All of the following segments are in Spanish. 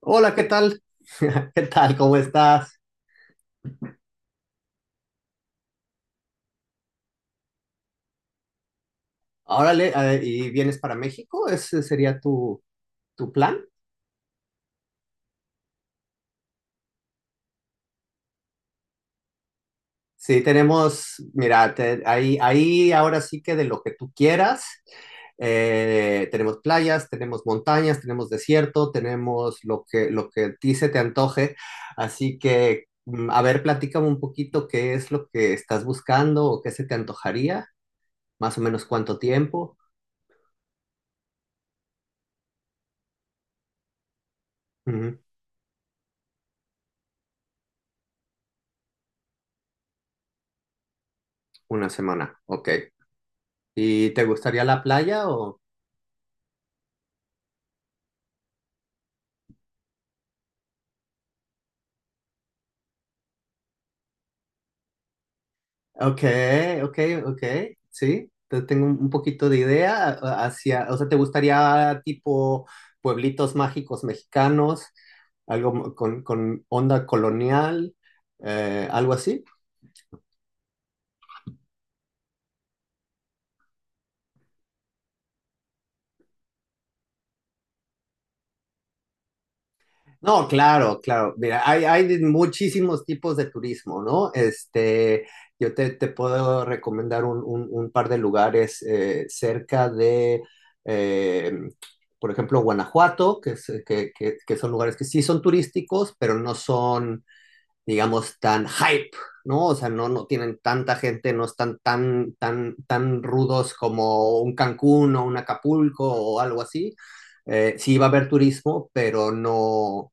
Hola, ¿qué tal? ¿Qué tal? ¿Cómo estás? Órale, ¿y vienes para México? ¿Ese sería tu plan? Sí, tenemos, mira, ahí ahora sí que de lo que tú quieras. Tenemos playas, tenemos montañas, tenemos desierto, tenemos lo que a ti se te antoje. Así que, a ver, platícame un poquito qué es lo que estás buscando o qué se te antojaría, más o menos cuánto tiempo. Ujú. Una semana, ok. ¿Y te gustaría la playa o...? Ok, ok, ok, sí, tengo un poquito de idea hacia, o sea, ¿te gustaría tipo pueblitos mágicos mexicanos, algo con onda colonial, algo así? No, claro, claro. Mira, hay de muchísimos tipos de turismo, ¿no? Este, yo te puedo recomendar un par de lugares cerca de, eh, por ejemplo, Guanajuato, que son lugares que sí son turísticos, pero no son, digamos, tan hype, ¿no? O sea, no, no tienen tanta gente, no están tan, tan, tan rudos como un Cancún o un Acapulco o algo así. Sí va a haber turismo, pero no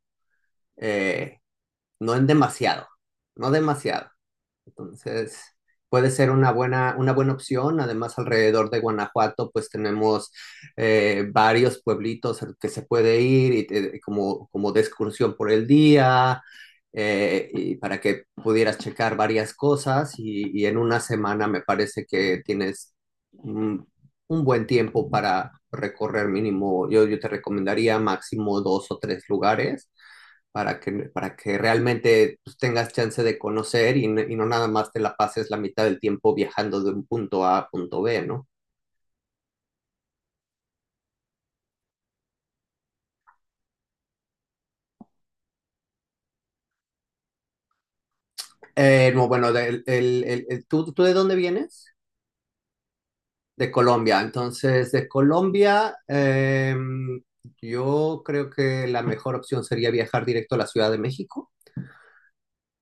eh, no en demasiado, no demasiado. Entonces, puede ser una buena, opción. Además, alrededor de Guanajuato, pues tenemos varios pueblitos al que se puede ir y, como de excursión por el día, y para que pudieras checar varias cosas y en una semana me parece que tienes un, un buen tiempo para recorrer mínimo, yo te recomendaría máximo dos o tres lugares para que realmente pues, tengas chance de conocer y no nada más te la pases la mitad del tiempo viajando de un punto A a punto B, ¿no? No, bueno, ¿tú de dónde vienes? De Colombia. Entonces, de Colombia, yo creo que la mejor opción sería viajar directo a la Ciudad de México,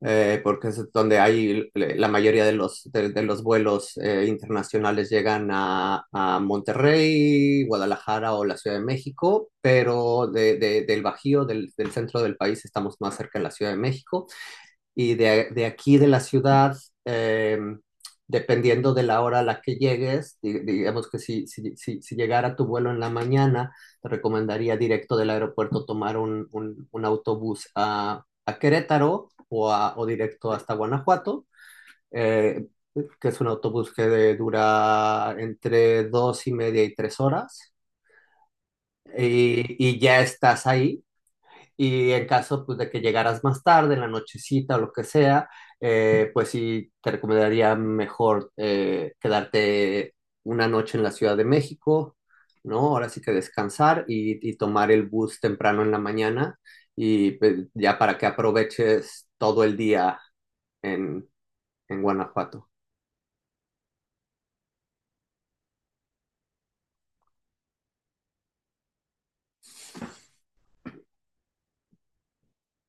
porque es donde hay la mayoría de los vuelos internacionales llegan a Monterrey, Guadalajara o la Ciudad de México, pero del Bajío, del centro del país, estamos más cerca de la Ciudad de México y de aquí de la ciudad, eh, dependiendo de la hora a la que llegues, digamos que si llegara tu vuelo en la mañana, te recomendaría directo del aeropuerto tomar un autobús a Querétaro o directo hasta Guanajuato, eh, que es un autobús que dura entre dos y media y tres horas, y ya estás ahí. Y en caso pues, de que llegaras más tarde, en la nochecita o lo que sea, pues sí, te recomendaría mejor quedarte una noche en la Ciudad de México, ¿no? Ahora sí que descansar y tomar el bus temprano en la mañana y pues, ya para que aproveches todo el día en, en Guanajuato.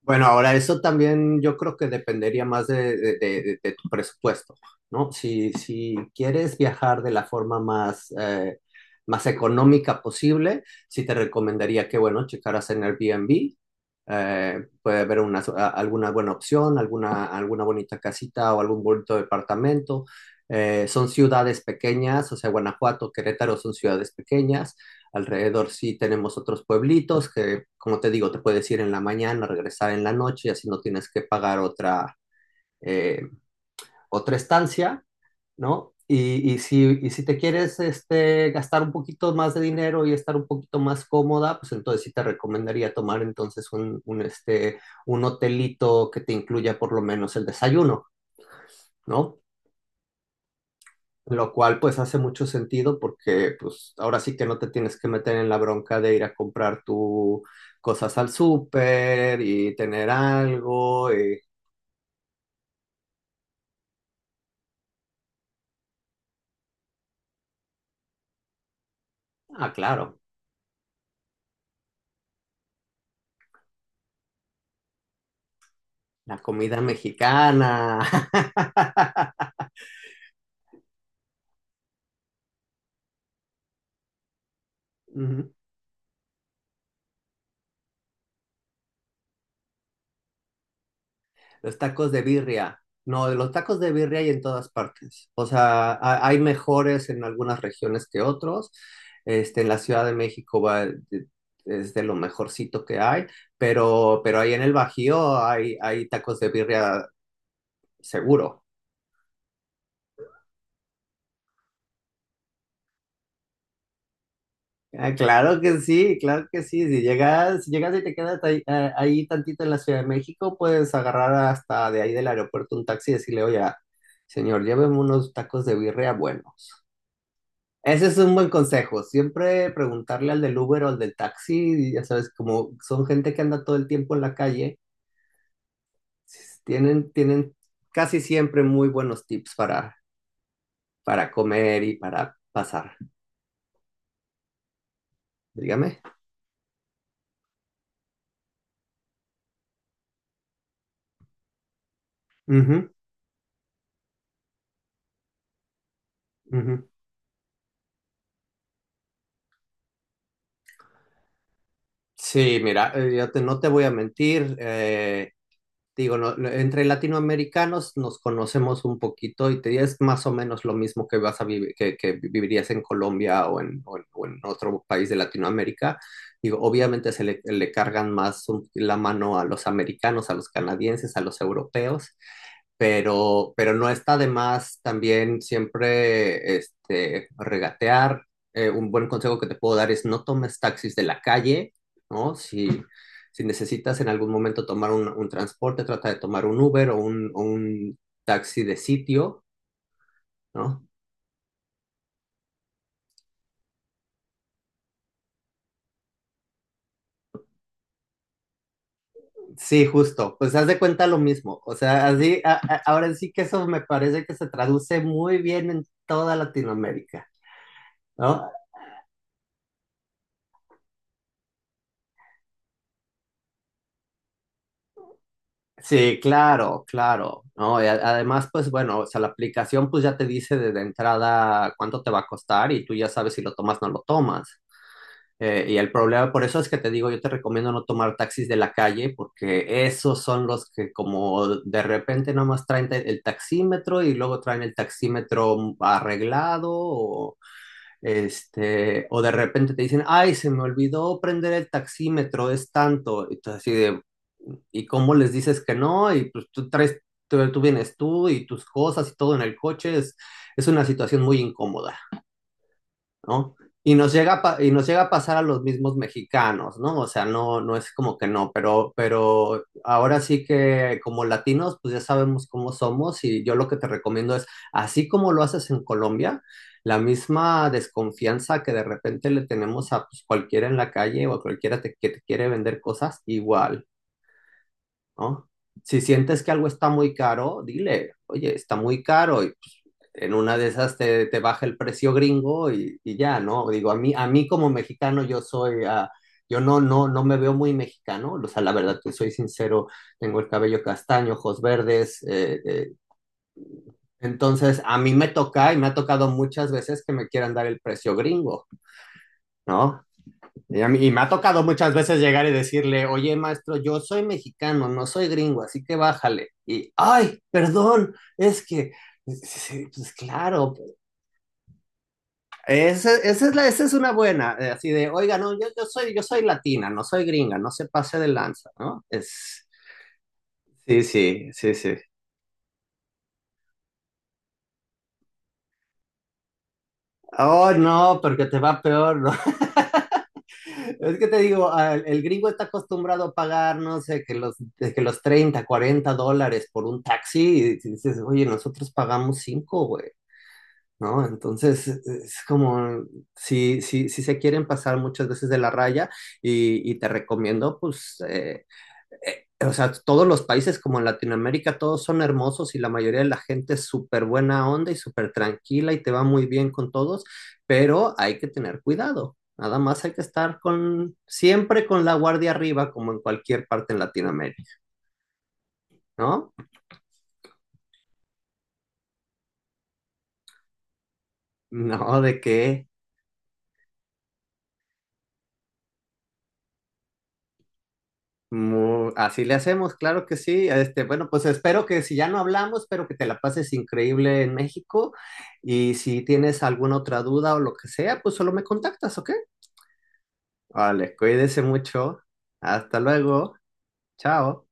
Bueno, ahora eso también yo creo que dependería más de tu presupuesto, ¿no? Si quieres viajar de la forma más económica posible, sí te recomendaría que, bueno, checaras en Airbnb, puede haber alguna buena opción, alguna bonita casita o algún bonito departamento. Son ciudades pequeñas, o sea, Guanajuato, Querétaro son ciudades pequeñas. Alrededor sí tenemos otros pueblitos que, como te digo, te puedes ir en la mañana, regresar en la noche, y así no tienes que pagar eh, otra estancia, ¿no? Y si te quieres gastar un poquito más de dinero y estar un poquito más cómoda, pues entonces sí te recomendaría tomar entonces un hotelito que te incluya por lo menos el desayuno, ¿no? Lo cual pues hace mucho sentido porque pues ahora sí que no te tienes que meter en la bronca de ir a comprar tus cosas al súper y tener algo. Ah, claro, la comida mexicana. Ujú. Los tacos de birria. No, los tacos de birria hay en todas partes. O sea, hay mejores en algunas regiones que otros. Este, en la Ciudad de México va, es de lo mejorcito que hay, pero ahí en el Bajío hay tacos de birria. Seguro. Ah, claro que sí, claro que sí. Si llegas, si llegas y te quedas ahí, ah, ahí tantito en la Ciudad de México, puedes agarrar hasta de ahí del aeropuerto un taxi y decirle, oye, señor, lléveme unos tacos de birria buenos. Ese es un buen consejo. Siempre preguntarle al del Uber o al del taxi, ya sabes, como son gente que anda todo el tiempo en la calle, tienen casi siempre muy buenos tips para, comer y para pasar. Dígame. Ujú, ujú. Sí, mira, yo no te voy a mentir, digo, entre latinoamericanos nos conocemos un poquito y te es más o menos lo mismo que vas a que vivirías en Colombia o en otro país de Latinoamérica. Digo, obviamente se le cargan más la mano a los americanos, a los canadienses, a los europeos, pero no está de más también siempre regatear. Un buen consejo que te puedo dar es no tomes taxis de la calle, ¿no? Si, si necesitas en algún momento tomar un transporte, trata de tomar un Uber o un taxi de sitio, ¿no? Sí, justo, pues haz de cuenta lo mismo, o sea, así, ahora sí que eso me parece que se traduce muy bien en toda Latinoamérica, ¿no? Sí, claro, claro, ¿no? Y además, pues bueno, o sea, la aplicación pues ya te dice desde entrada cuánto te va a costar y tú ya sabes si lo tomas o no lo tomas. Y el problema, por eso es que te digo, yo te recomiendo no tomar taxis de la calle porque esos son los que como de repente nomás traen el taxímetro y luego traen el taxímetro arreglado, o de repente te dicen, ay, se me olvidó prender el taxímetro, es tanto. Y tú así de, ¿y cómo les dices que no? Y pues tú vienes tú y tus cosas y todo en el coche, es una situación muy incómoda, ¿no? Y nos llega a pasar a los mismos mexicanos, ¿no? O sea, no, no es como que no, pero ahora sí que como latinos, pues ya sabemos cómo somos y yo lo que te recomiendo es, así como lo haces en Colombia, la misma desconfianza que de repente le tenemos a pues, cualquiera en la calle o a cualquiera que te quiere vender cosas, igual, ¿no? Si sientes que algo está muy caro, dile, oye, está muy caro y pues, en una de esas te baja el precio gringo y ya, ¿no? Digo, a mí como mexicano yo soy, ah, yo no, no, no me veo muy mexicano, o sea, la verdad, te soy sincero, tengo el cabello castaño, ojos verdes, entonces a mí me toca y me ha tocado muchas veces que me quieran dar el precio gringo, ¿no? Y me ha tocado muchas veces llegar y decirle, oye, maestro, yo soy mexicano, no soy gringo, así que bájale. Y, ay, perdón, es que, sí, sí, pues claro, esa es una buena, así de, oiga, no, yo soy latina, no soy gringa, no se pase de lanza, ¿no? Sí, sí, sí, sí. Oh, no, porque te va peor, ¿no? Es que te digo, el gringo está acostumbrado a pagar, no sé, de que los $30 $40 por un taxi, y si dices, oye, nosotros pagamos 5 güey, ¿no? Entonces, es como, si se quieren pasar muchas veces de la raya, y te recomiendo, pues, o sea, todos los países como en Latinoamérica, todos son hermosos y la mayoría de la gente es súper buena onda y súper tranquila y te va muy bien con todos, pero hay que tener cuidado. Nada más hay que estar siempre con la guardia arriba, como en cualquier parte en Latinoamérica, ¿no? No, de que así le hacemos, claro que sí. Bueno, pues espero que si ya no hablamos, espero que te la pases increíble en México. Y si tienes alguna otra duda o lo que sea, pues solo me contactas, ¿ok? Vale, cuídese mucho. Hasta luego. Chao.